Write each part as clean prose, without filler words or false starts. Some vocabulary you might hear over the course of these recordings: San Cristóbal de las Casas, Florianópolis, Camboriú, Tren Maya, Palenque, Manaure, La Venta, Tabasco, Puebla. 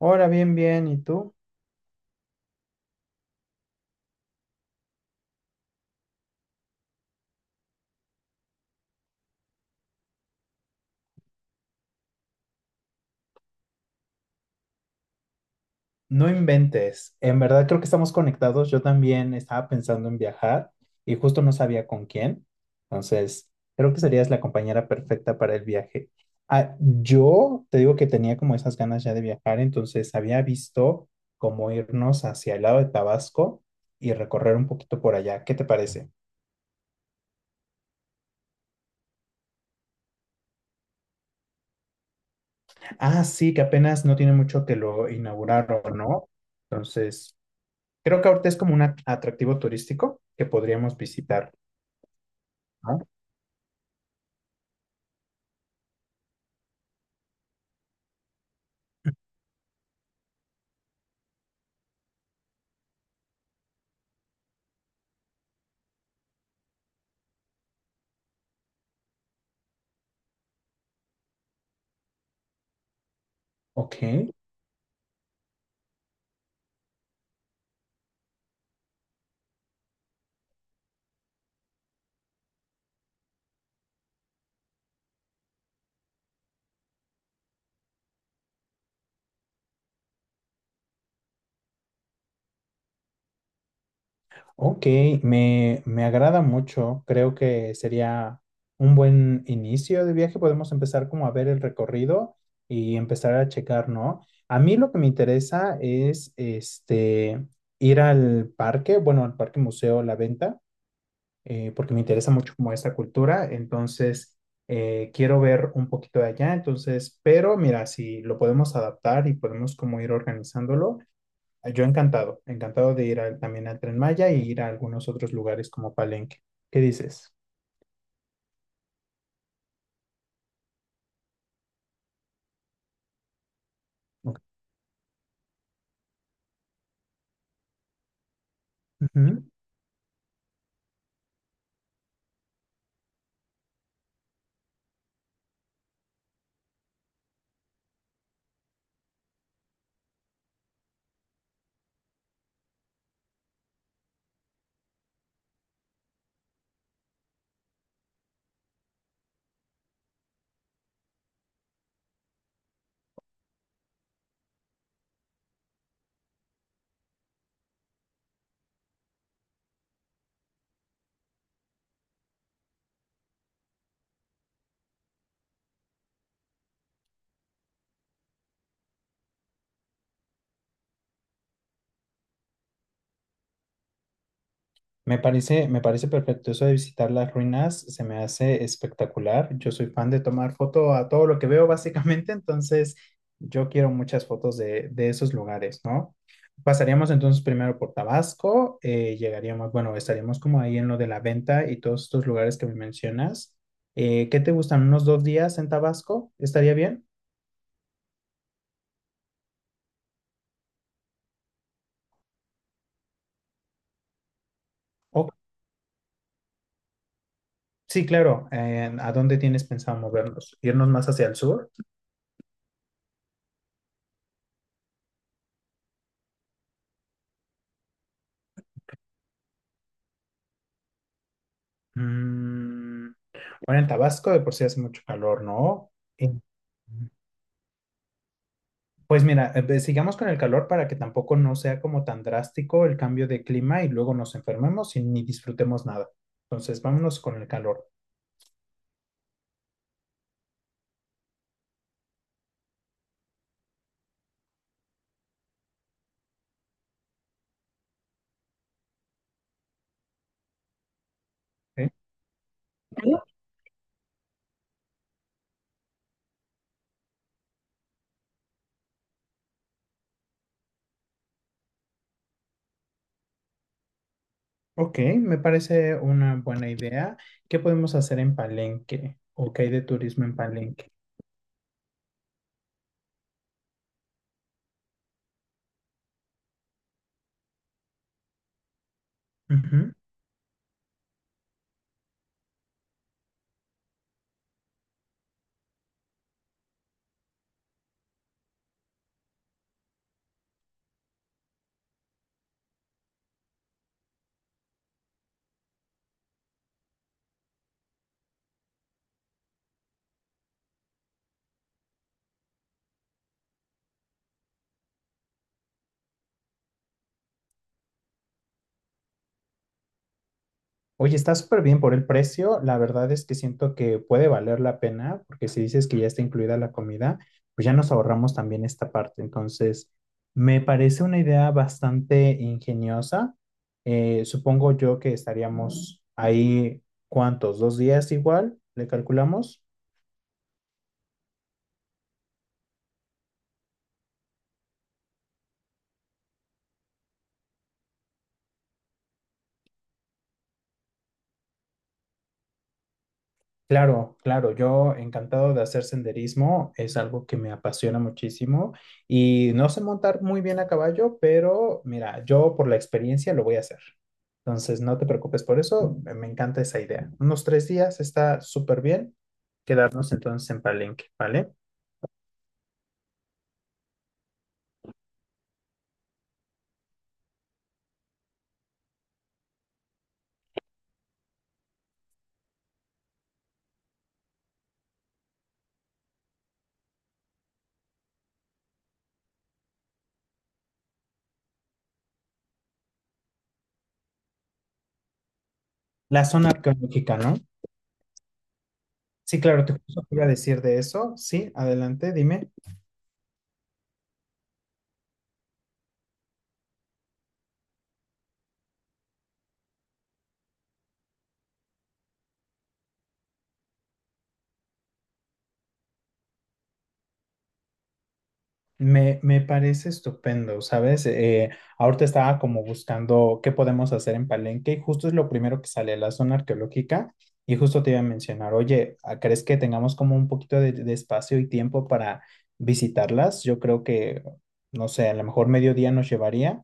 Ahora bien, bien, ¿y tú? No inventes. En verdad creo que estamos conectados. Yo también estaba pensando en viajar y justo no sabía con quién. Entonces, creo que serías la compañera perfecta para el viaje. Ah, yo te digo que tenía como esas ganas ya de viajar, entonces había visto cómo irnos hacia el lado de Tabasco y recorrer un poquito por allá. ¿Qué te parece? Ah, sí, que apenas no tiene mucho que lo inauguraron, ¿no? Entonces, creo que ahorita es como un atractivo turístico que podríamos visitar, ¿no? Ok, ok, me agrada mucho. Creo que sería un buen inicio de viaje. Podemos empezar como a ver el recorrido y empezar a checar, ¿no? A mí lo que me interesa es ir al parque, bueno, al parque museo La Venta, porque me interesa mucho como esta cultura, entonces quiero ver un poquito de allá, entonces, pero mira, si lo podemos adaptar y podemos como ir organizándolo, yo encantado, encantado de ir también al Tren Maya y ir a algunos otros lugares como Palenque. ¿Qué dices? Ok. Ujú. Me parece perfecto eso de visitar las ruinas, se me hace espectacular. Yo soy fan de tomar foto a todo lo que veo, básicamente, entonces yo quiero muchas fotos de esos lugares, ¿no? Pasaríamos entonces primero por Tabasco, llegaríamos, bueno, estaríamos como ahí en lo de la venta y todos estos lugares que me mencionas. ¿Qué te gustan? ¿Unos 2 días en Tabasco? ¿Estaría bien? O- sí, claro. ¿A dónde tienes pensado movernos? ¿Irnos más hacia el sur? Mm, bueno, en Tabasco de por sí hace mucho calor, ¿no? Eh, pues mira, sigamos con el calor para que tampoco no sea como tan drástico el cambio de clima y luego nos enfermemos y ni disfrutemos nada. Entonces, vámonos con el calor. ¿Ok? Ok, me parece una buena idea. ¿Qué podemos hacer en Palenque? ¿O qué hay de turismo en Palenque? Ujú. Oye, está súper bien por el precio. La verdad es que siento que puede valer la pena, porque si dices que ya está incluida la comida, pues ya nos ahorramos también esta parte. Entonces, me parece una idea bastante ingeniosa. Supongo yo que estaríamos ahí, ¿cuántos? ¿2 días igual? ¿Le calculamos? Claro, claro, yo encantado de hacer senderismo, es algo que me apasiona muchísimo y no sé montar muy bien a caballo, pero mira, yo por la experiencia lo voy a hacer. Entonces, no te preocupes por eso, me encanta esa idea. Unos 3 días está súper bien quedarnos entonces en Palenque, ¿vale? La zona arqueológica, ¿no? Sí, claro, te justo te iba a decir de eso. Sí, adelante, dime. Me parece estupendo, ¿sabes? Ahorita estaba como buscando qué podemos hacer en Palenque y justo es lo primero que sale, la zona arqueológica. Y justo te iba a mencionar, oye, ¿crees que tengamos como un poquito de espacio y tiempo para visitarlas? Yo creo que, no sé, a lo mejor mediodía nos llevaría.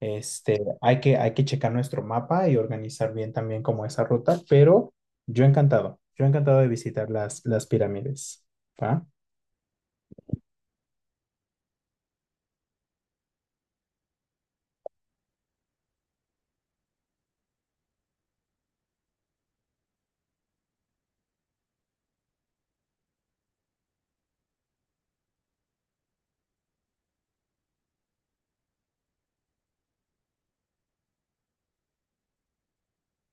Hay que checar nuestro mapa y organizar bien también como esa ruta, pero yo encantado de visitar las pirámides. ¿Va?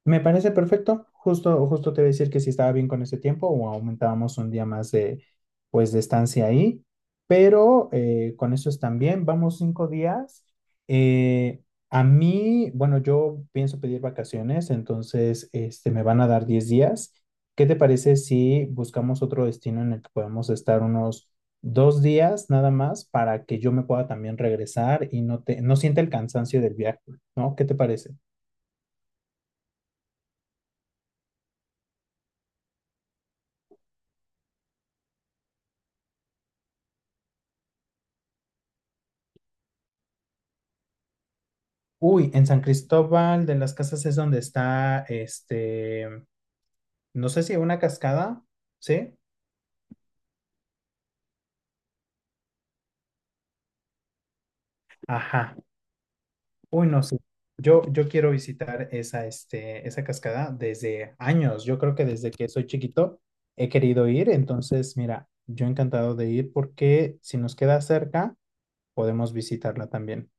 Me parece perfecto. Justo, justo te voy a decir que si estaba bien con ese tiempo o aumentábamos un día más pues, de estancia ahí. Pero con eso están bien. Vamos 5 días. Eh, a mí, bueno, yo pienso pedir vacaciones, entonces me van a dar 10 días. ¿Qué te parece si buscamos otro destino en el que podamos estar unos 2 días nada más para que yo me pueda también regresar y no sienta el cansancio del viaje, ¿no? ¿Qué te parece? Uy, en San Cristóbal de las Casas es donde está, no sé si una cascada, ¿sí? Ajá. Uy, no, sí. Yo quiero visitar esa cascada desde años. Yo creo que desde que soy chiquito he querido ir. Entonces, mira, yo encantado de ir porque si nos queda cerca, podemos visitarla también.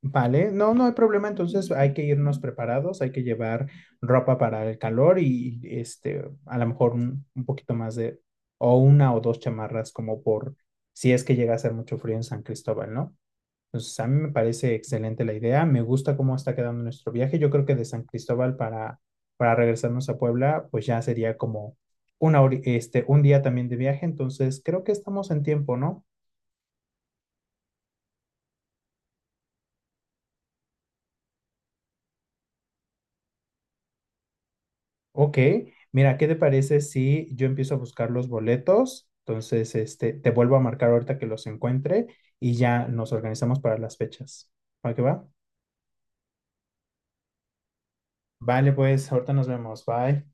Vale, no, no hay problema, entonces hay que irnos preparados, hay que llevar ropa para el calor y a lo mejor un poquito más de, o una o dos chamarras como por si es que llega a hacer mucho frío en San Cristóbal, ¿no? Entonces a mí me parece excelente la idea, me gusta cómo está quedando nuestro viaje, yo creo que de San Cristóbal para regresarnos a Puebla, pues ya sería como una un día también de viaje, entonces creo que estamos en tiempo, ¿no? Ok, mira, ¿qué te parece si yo empiezo a buscar los boletos? Entonces, te vuelvo a marcar ahorita que los encuentre y ya nos organizamos para las fechas. ¿Va que va? Vale, pues, ahorita nos vemos. Bye.